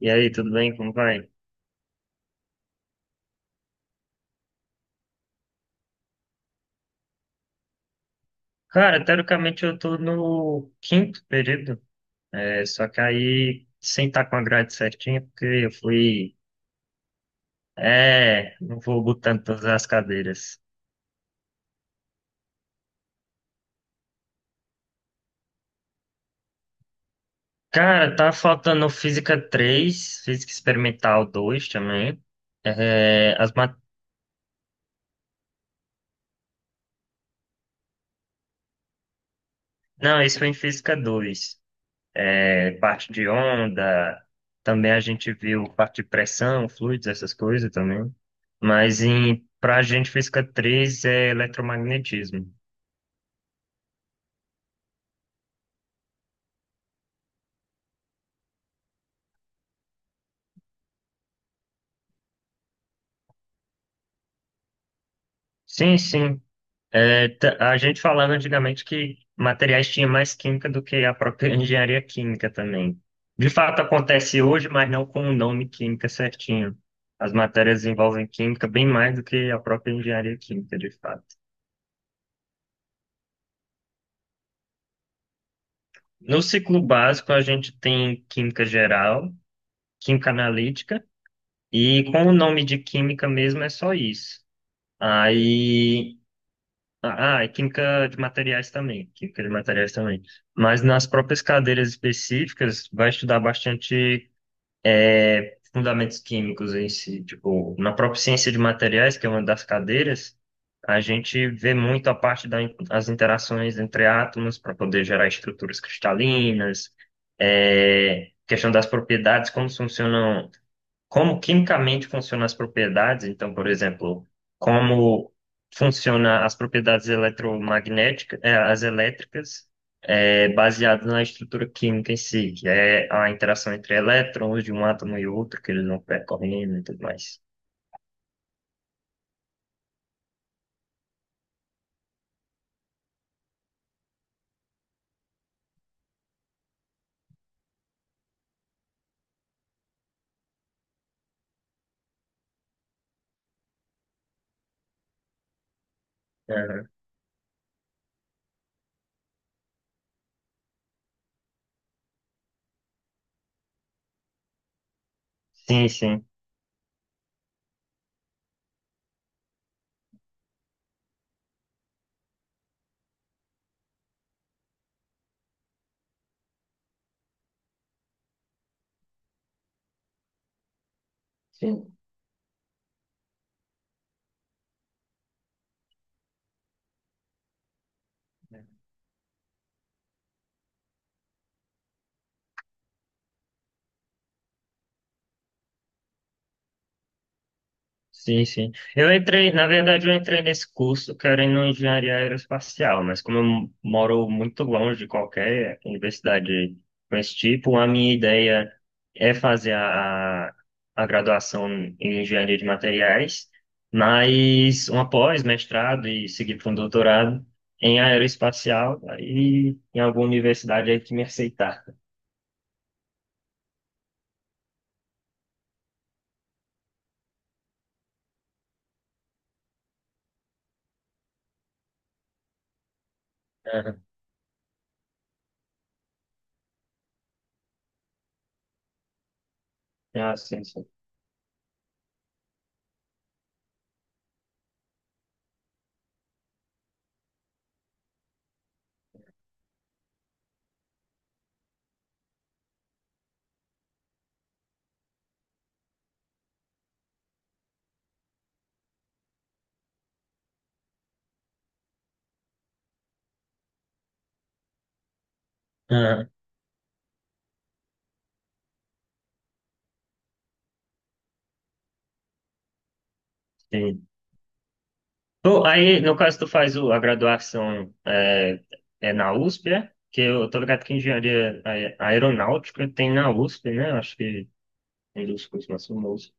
E aí, tudo bem? Como vai? Cara, teoricamente eu tô no quinto período, é, só que aí sem estar com a grade certinha, porque eu fui. É, não vou botando todas as cadeiras. Cara, tá faltando Física 3, Física Experimental 2 também. É, Não, esse foi em Física 2. Parte de onda, também a gente viu parte de pressão, fluidos, essas coisas também. Mas para gente, física 3 é eletromagnetismo. Sim, sim. É, a gente falava antigamente que materiais tinha mais química do que a própria engenharia química também. De fato, acontece hoje, mas não com o nome química certinho. As matérias envolvem química bem mais do que a própria engenharia química, de fato. No ciclo básico, a gente tem química geral, química analítica, e com o nome de química mesmo é só isso. Aí. Ah, é química de materiais também, química de materiais também. Mas nas próprias cadeiras específicas, vai estudar bastante fundamentos químicos em si. Tipo, na própria ciência de materiais, que é uma das cadeiras, a gente vê muito a parte das interações entre átomos para poder gerar estruturas cristalinas, é, questão das propriedades, como quimicamente funcionam as propriedades. Então, por exemplo, como funciona as propriedades eletromagnéticas, as elétricas, baseado na estrutura química em si, que é a interação entre elétrons de um átomo e outro, que eles vão percorrendo e tudo mais. Aham. Sim, sim. Sim. Sim, sim. Eu entrei, na verdade, eu entrei nesse curso querendo engenharia aeroespacial, mas como eu moro muito longe de qualquer universidade com esse tipo, a minha ideia é fazer a graduação em engenharia de materiais, mas uma pós-mestrado e seguir para um doutorado em aeroespacial, aí em alguma universidade aí que me aceitar. Aham. Ah, sim, sim. Aham. Sim. Aí, no caso, tu faz a graduação é na USP, é? Que eu tô ligado que engenharia aeronáutica tem na USP, né? Acho que um dos cursos mais famosos.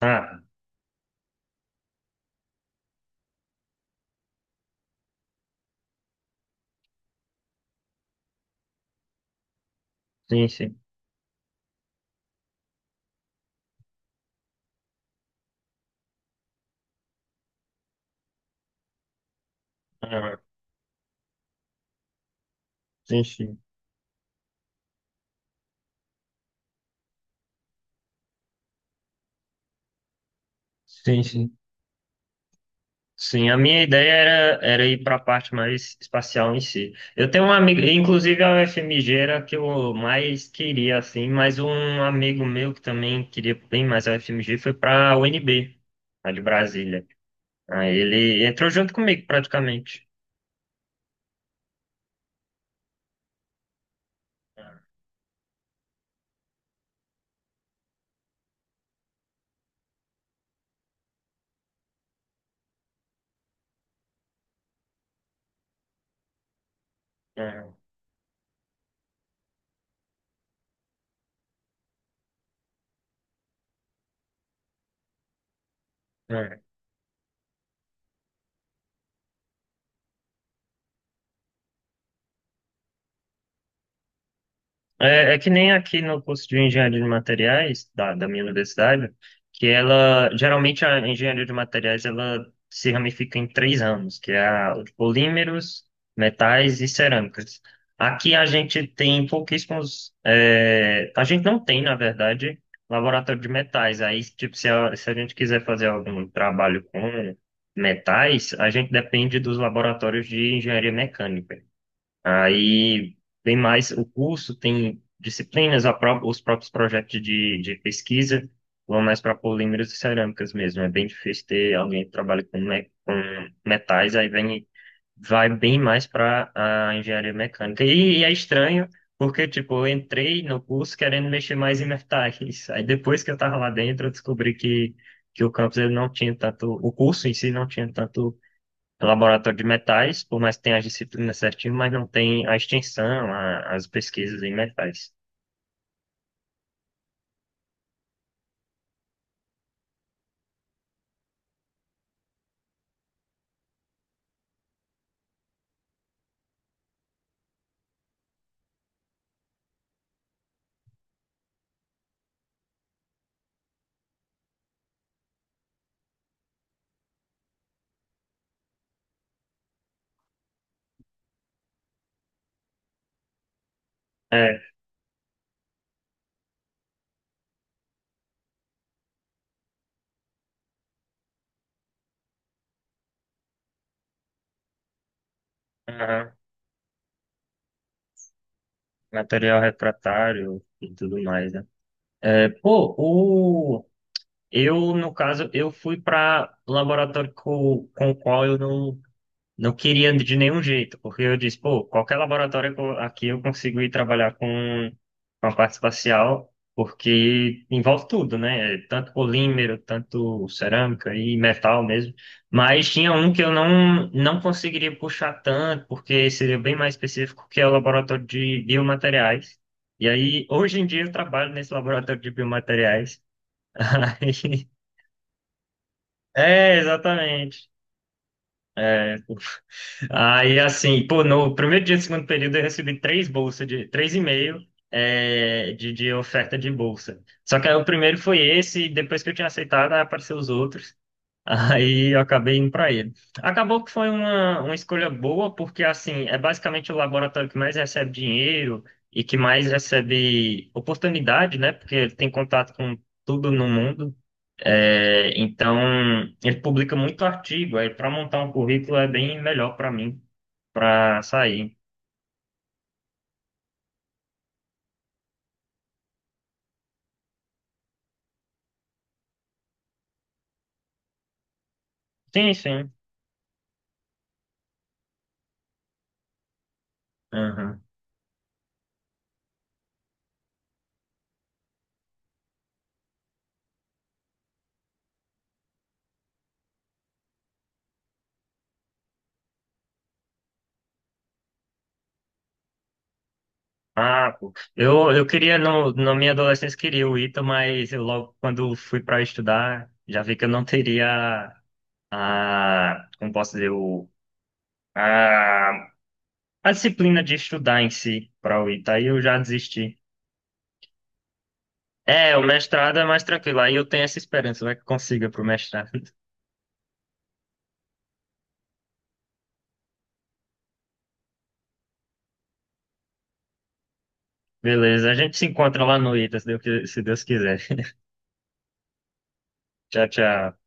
Ah, sim, sim. Ah, sim, sim. Sim, sim. Sim, a minha ideia era ir para a parte mais espacial em si. Eu tenho um amigo, inclusive a UFMG era a que eu mais queria, assim, mas um amigo meu que também queria bem mais a UFMG foi para a UNB, a de Brasília. Aí ele entrou junto comigo, praticamente, no, no, é que nem aqui no curso de engenharia de materiais da minha universidade, que ela geralmente a engenharia de materiais ela se ramifica em 3 anos, que é a de polímeros, metais e cerâmicas. Aqui a gente tem pouquíssimos, é, a gente não tem, na verdade, laboratório de metais. Aí, tipo, se a gente quiser fazer algum trabalho com metais, a gente depende dos laboratórios de engenharia mecânica. Aí vem mais o curso, tem disciplinas, os próprios projetos de pesquisa vão mais para polímeros e cerâmicas mesmo. É bem difícil ter alguém que trabalha com metais, aí vai bem mais para a engenharia mecânica. E é estranho, porque tipo, eu entrei no curso querendo mexer mais em metais. Aí depois que eu estava lá dentro, eu descobri que o campus ele não tinha tanto, o curso em si não tinha tanto é um laboratório de metais, por mais que tenha as disciplinas certinho, mas não tem a extensão, as pesquisas em metais. É, aham, material refratário e tudo mais, né? É, pô, eu, no caso, eu fui para laboratório com, o qual eu não. Não queria de nenhum jeito, porque eu disse, pô, qualquer laboratório que aqui eu consigo ir trabalhar com a parte espacial, porque envolve tudo, né? Tanto polímero, tanto cerâmica e metal mesmo. Mas tinha um que eu não, não conseguiria puxar tanto, porque seria bem mais específico, que é o laboratório de biomateriais. E aí, hoje em dia eu trabalho nesse laboratório de biomateriais. Aí- É, exatamente. É, aí, assim, pô, no primeiro dia do segundo período eu recebi três bolsas três e meio de oferta de bolsa. Só que aí o primeiro foi esse, e depois que eu tinha aceitado, aí apareceram os outros. Aí eu acabei indo para ele. Acabou que foi uma escolha boa, porque assim, é basicamente o laboratório que mais recebe dinheiro e que mais recebe oportunidade, né? Porque ele tem contato com tudo no mundo. É, então, ele publica muito artigo. Aí, para montar um currículo é bem melhor para mim, para sair. Sim, sim. Aham. Ah, pô. Eu queria, no, na minha adolescência, queria o ITA, mas eu logo, quando fui para estudar, já vi que eu não teria a, como posso dizer, a, a disciplina de estudar em si para o ITA, aí eu já desisti. É, o mestrado é mais tranquilo, aí eu tenho essa esperança, vai que consiga pro mestrado. Beleza, a gente se encontra lá no ITA, se Deus quiser. Tchau, tchau.